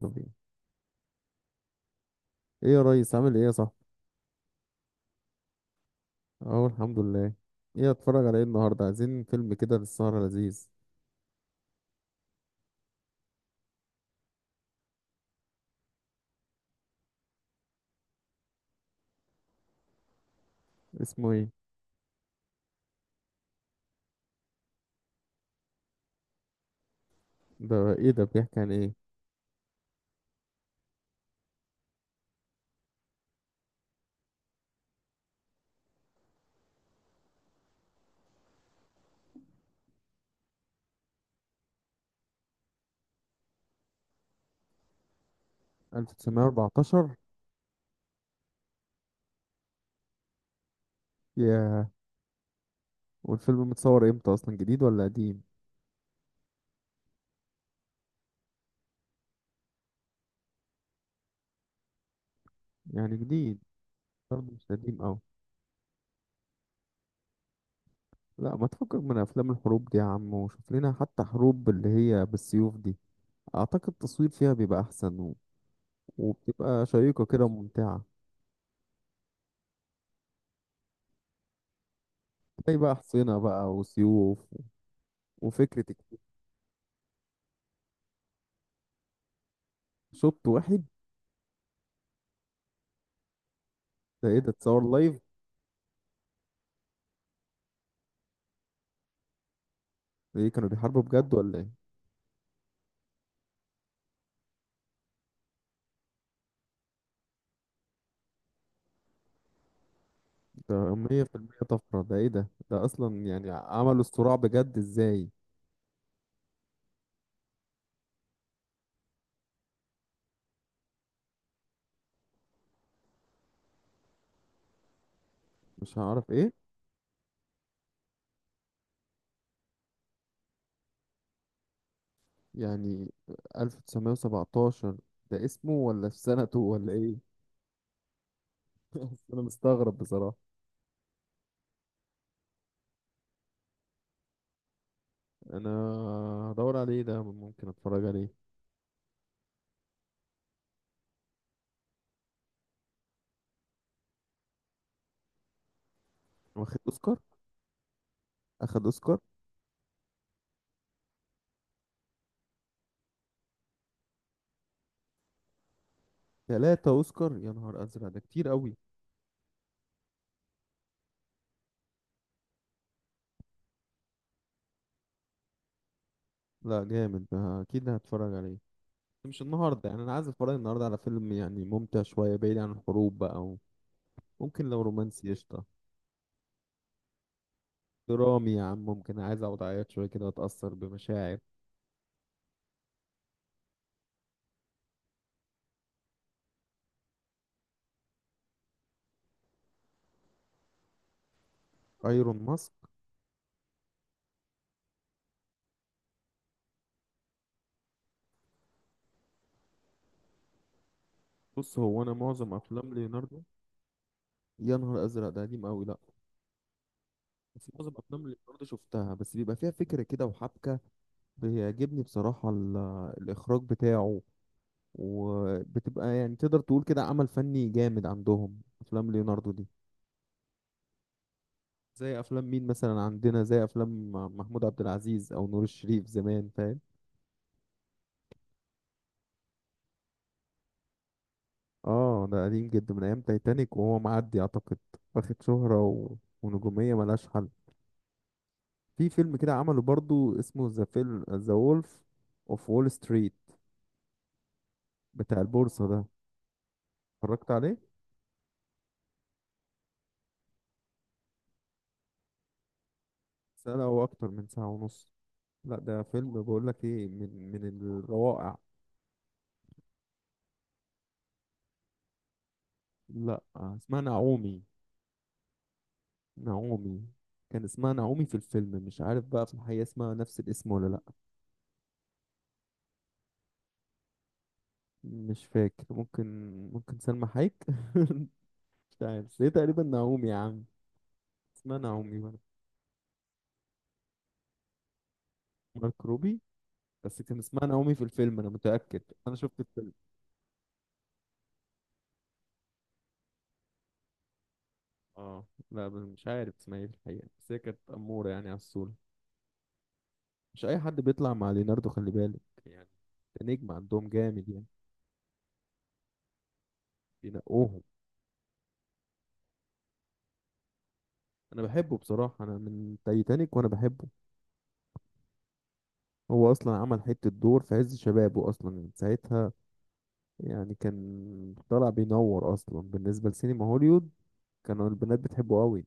طب ايه؟ إيه يا ريس، عامل ايه يا صاحبي؟ اهو، الحمد لله. ايه اتفرج على ايه النهارده؟ عايزين فيلم كده للسهرة لذيذ. اسمه ايه؟ ده ايه ده؟ بيحكي عن ايه؟ 1914؟ ياه. والفيلم متصور امتى اصلا؟ جديد ولا قديم؟ يعني جديد. برضه مش قديم اوي. لا، ما تفكك من افلام الحروب دي يا عم، وشوف لنا حتى حروب اللي هي بالسيوف دي. اعتقد التصوير فيها بيبقى احسن وبتبقى شيقة كده وممتعة. تلاقي بقى حصينة بقى وسيوف وفكرة. شوط واحد. ده ايه ده، اتصور لايف؟ ده ايه، كانوا بيحاربوا بجد ولا ايه؟ ده 100% طفرة. ده ايه ده؟ ده اصلا يعني عملوا الصراع بجد ازاي؟ مش هعرف ايه. يعني 1917، ده اسمه ولا في سنته ولا ايه؟ بس انا مستغرب بصراحة. انا هدور عليه، ده ممكن اتفرج عليه. واخد اوسكار؟ اخد اوسكار. 3 اوسكار؟ يا نهار ازرق، ده كتير قوي. لا جامد، ده اكيد هتفرج عليه. مش النهارده، يعني انا عايز اتفرج النهارده على فيلم يعني ممتع شويه بعيد عن الحروب بقى. ممكن لو رومانسي قشطة. درامي يا عم، ممكن عايز اقعد اعيط شوية كده واتأثر بمشاعر. ايرون ماسك؟ بص، هو انا معظم افلام ليوناردو. يا نهار ازرق، ده قديم قوي، لا. بس معظم افلام ليوناردو شفتها، بس بيبقى فيها فكرة كده وحبكة. بيعجبني بصراحة الاخراج بتاعه. وبتبقى يعني تقدر تقول كده عمل فني جامد، عندهم افلام ليوناردو دي. زي افلام مين مثلا عندنا؟ زي افلام محمود عبد العزيز او نور الشريف زمان، فاهم؟ اه، ده قديم جدا، من ايام تايتانيك وهو معدي اعتقد. واخد شهرة ونجومية ملهاش حل. في فيلم كده عمله برضو اسمه ذا وولف اوف وول ستريت، بتاع البورصة ده. اتفرجت عليه. سنة او اكتر من ساعة ونص. لا ده فيلم، بقول لك ايه، من الروائع. لا اسمها نعومي. نعومي. كان اسمها نعومي في الفيلم، مش عارف بقى في الحقيقة اسمها نفس الاسم ولا لا. مش فاكر، ممكن. ممكن سلمى حايك. مش عارف، بس هي تقريبا نعومي يا عم. اسمها نعومي بقى. مارك روبي. بس كان اسمها نعومي في الفيلم، انا متأكد. انا شفت الفيلم. اه لا، بس مش عارف اسمها ايه في الحقيقة، بس هي كانت أمورة يعني على الصورة. مش اي حد بيطلع مع ليناردو، خلي بالك. يعني ده نجم عندهم جامد يعني. بينقوهم. انا بحبه بصراحة، انا من تايتانيك وانا بحبه. هو اصلا عمل حتة دور في عز شبابه اصلا من ساعتها. يعني كان طالع بينور اصلا بالنسبة لسينما هوليوود. كانوا البنات بتحبه قوي.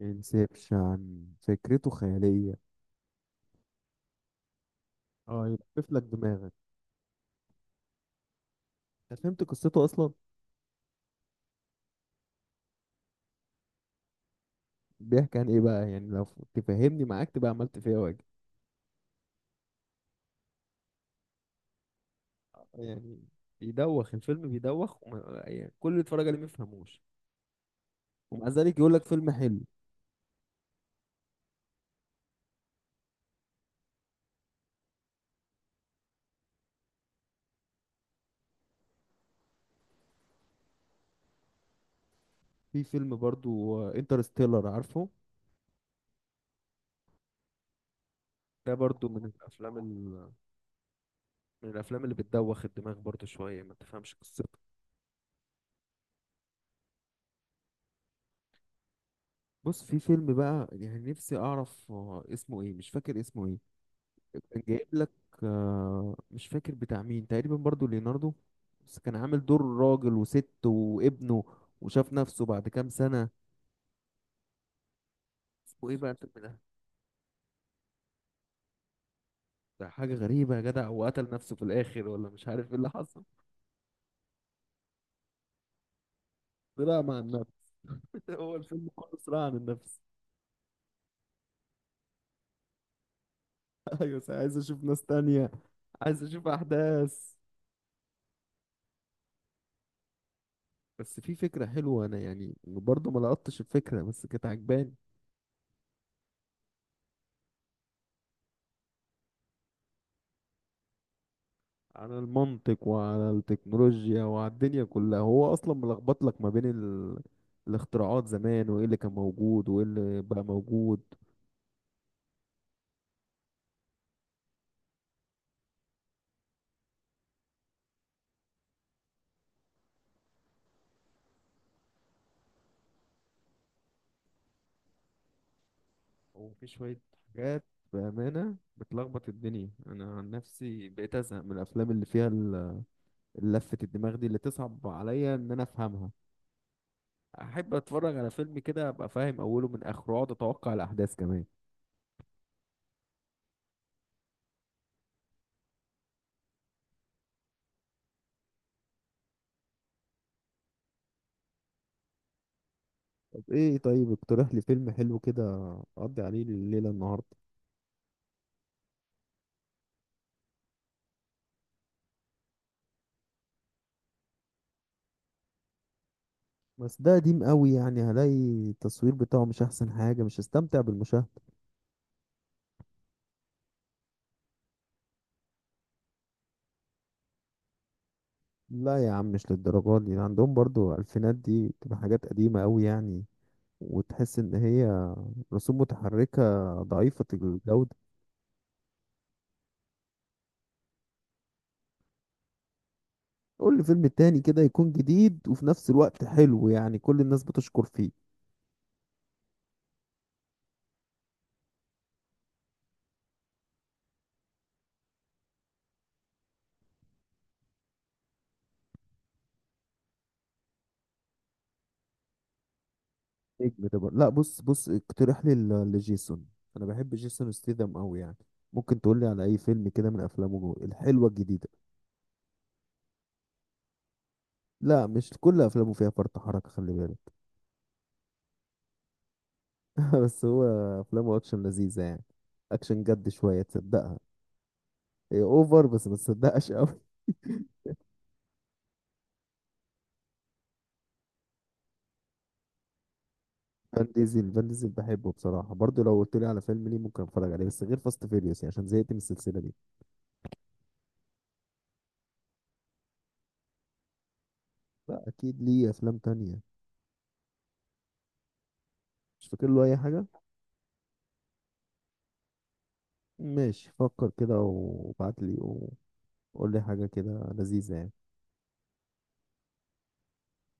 انسبشن فكرته خيالية. اه، يلفف لك دماغك. انت فهمت قصته اصلا؟ بيحكي عن ايه بقى يعني، لو تفهمني معاك تبقى عملت فيها واجب. يعني بيدوخ الفيلم بيدوخ، وما يعني كل اللي اتفرج عليه ما يفهموش. ومع ذلك يقول لك فيلم حلو. في فيلم برضو انترستيلر، عارفه؟ ده برضو من الافلام اللي بتدوخ الدماغ برضو شويه ما تفهمش قصته. بص، في فيلم بقى يعني نفسي اعرف اسمه ايه، مش فاكر اسمه ايه. كان جايب لك. مش فاكر بتاع مين، تقريبا برضو ليوناردو. بس كان عامل دور راجل وست وابنه. وشاف نفسه بعد كام سنة. وايه بقى انت ده؟ ده حاجة غريبة يا جدع، وقتل نفسه في الآخر ولا مش عارف ايه اللي حصل. صراع مع النفس. هو الفيلم كله صراع عن النفس. ايوه، بس عايز اشوف ناس تانية. عايز اشوف احداث. بس في فكرة حلوة، انا يعني برضو ما لقطتش الفكرة، بس كانت عجباني. على المنطق وعلى التكنولوجيا وعلى الدنيا كلها، هو اصلا ملخبط لك ما بين الاختراعات زمان، وايه اللي كان موجود وايه اللي بقى موجود. وفي شوية حاجات، بأمانة بتلخبط الدنيا. انا عن نفسي بقيت ازهق من الافلام اللي فيها لفة الدماغ دي، اللي تصعب عليا ان انا افهمها. احب اتفرج على فيلم كده، ابقى فاهم اوله من اخره، اقعد اتوقع الاحداث كمان. طب ايه؟ طيب اقترح لي فيلم حلو كده. اقضي عليه الليلة النهاردة. بس ده قديم قوي، يعني هلاقي التصوير بتاعه مش احسن حاجة، مش هستمتع بالمشاهدة. لا يا عم، مش للدرجة دي، عندهم برضو الفينات دي بتبقى حاجات قديمة قوي يعني. وتحس ان هي رسوم متحركة ضعيفة الجودة. قول لي فيلم تاني كده يكون جديد وفي نفس الوقت حلو، يعني كل الناس بتشكر فيه. نجم ده بقى. لا، بص بص اقترح لي لجيسون. انا بحب جيسون ستيثم قوي يعني. ممكن تقول لي على اي فيلم كده من افلامه الحلوة الجديدة؟ لا، مش كل افلامه فيها فرط حركة، خلي بالك. بس هو افلامه اكشن لذيذه يعني. اكشن جد شويه تصدقها. هي اوفر بس ما تصدقش قوي فان ديزل فان ديزل بحبه بصراحه، برضو لو قلت لي على فيلم ليه ممكن اتفرج عليه، بس غير فاست فيريوس، يعني عشان زهقت من السلسله دي. لا اكيد ليه افلام تانية. مش فاكر له اي حاجه. ماشي، فكر كده وابعت لي. وقول لي حاجه كده لذيذه يعني.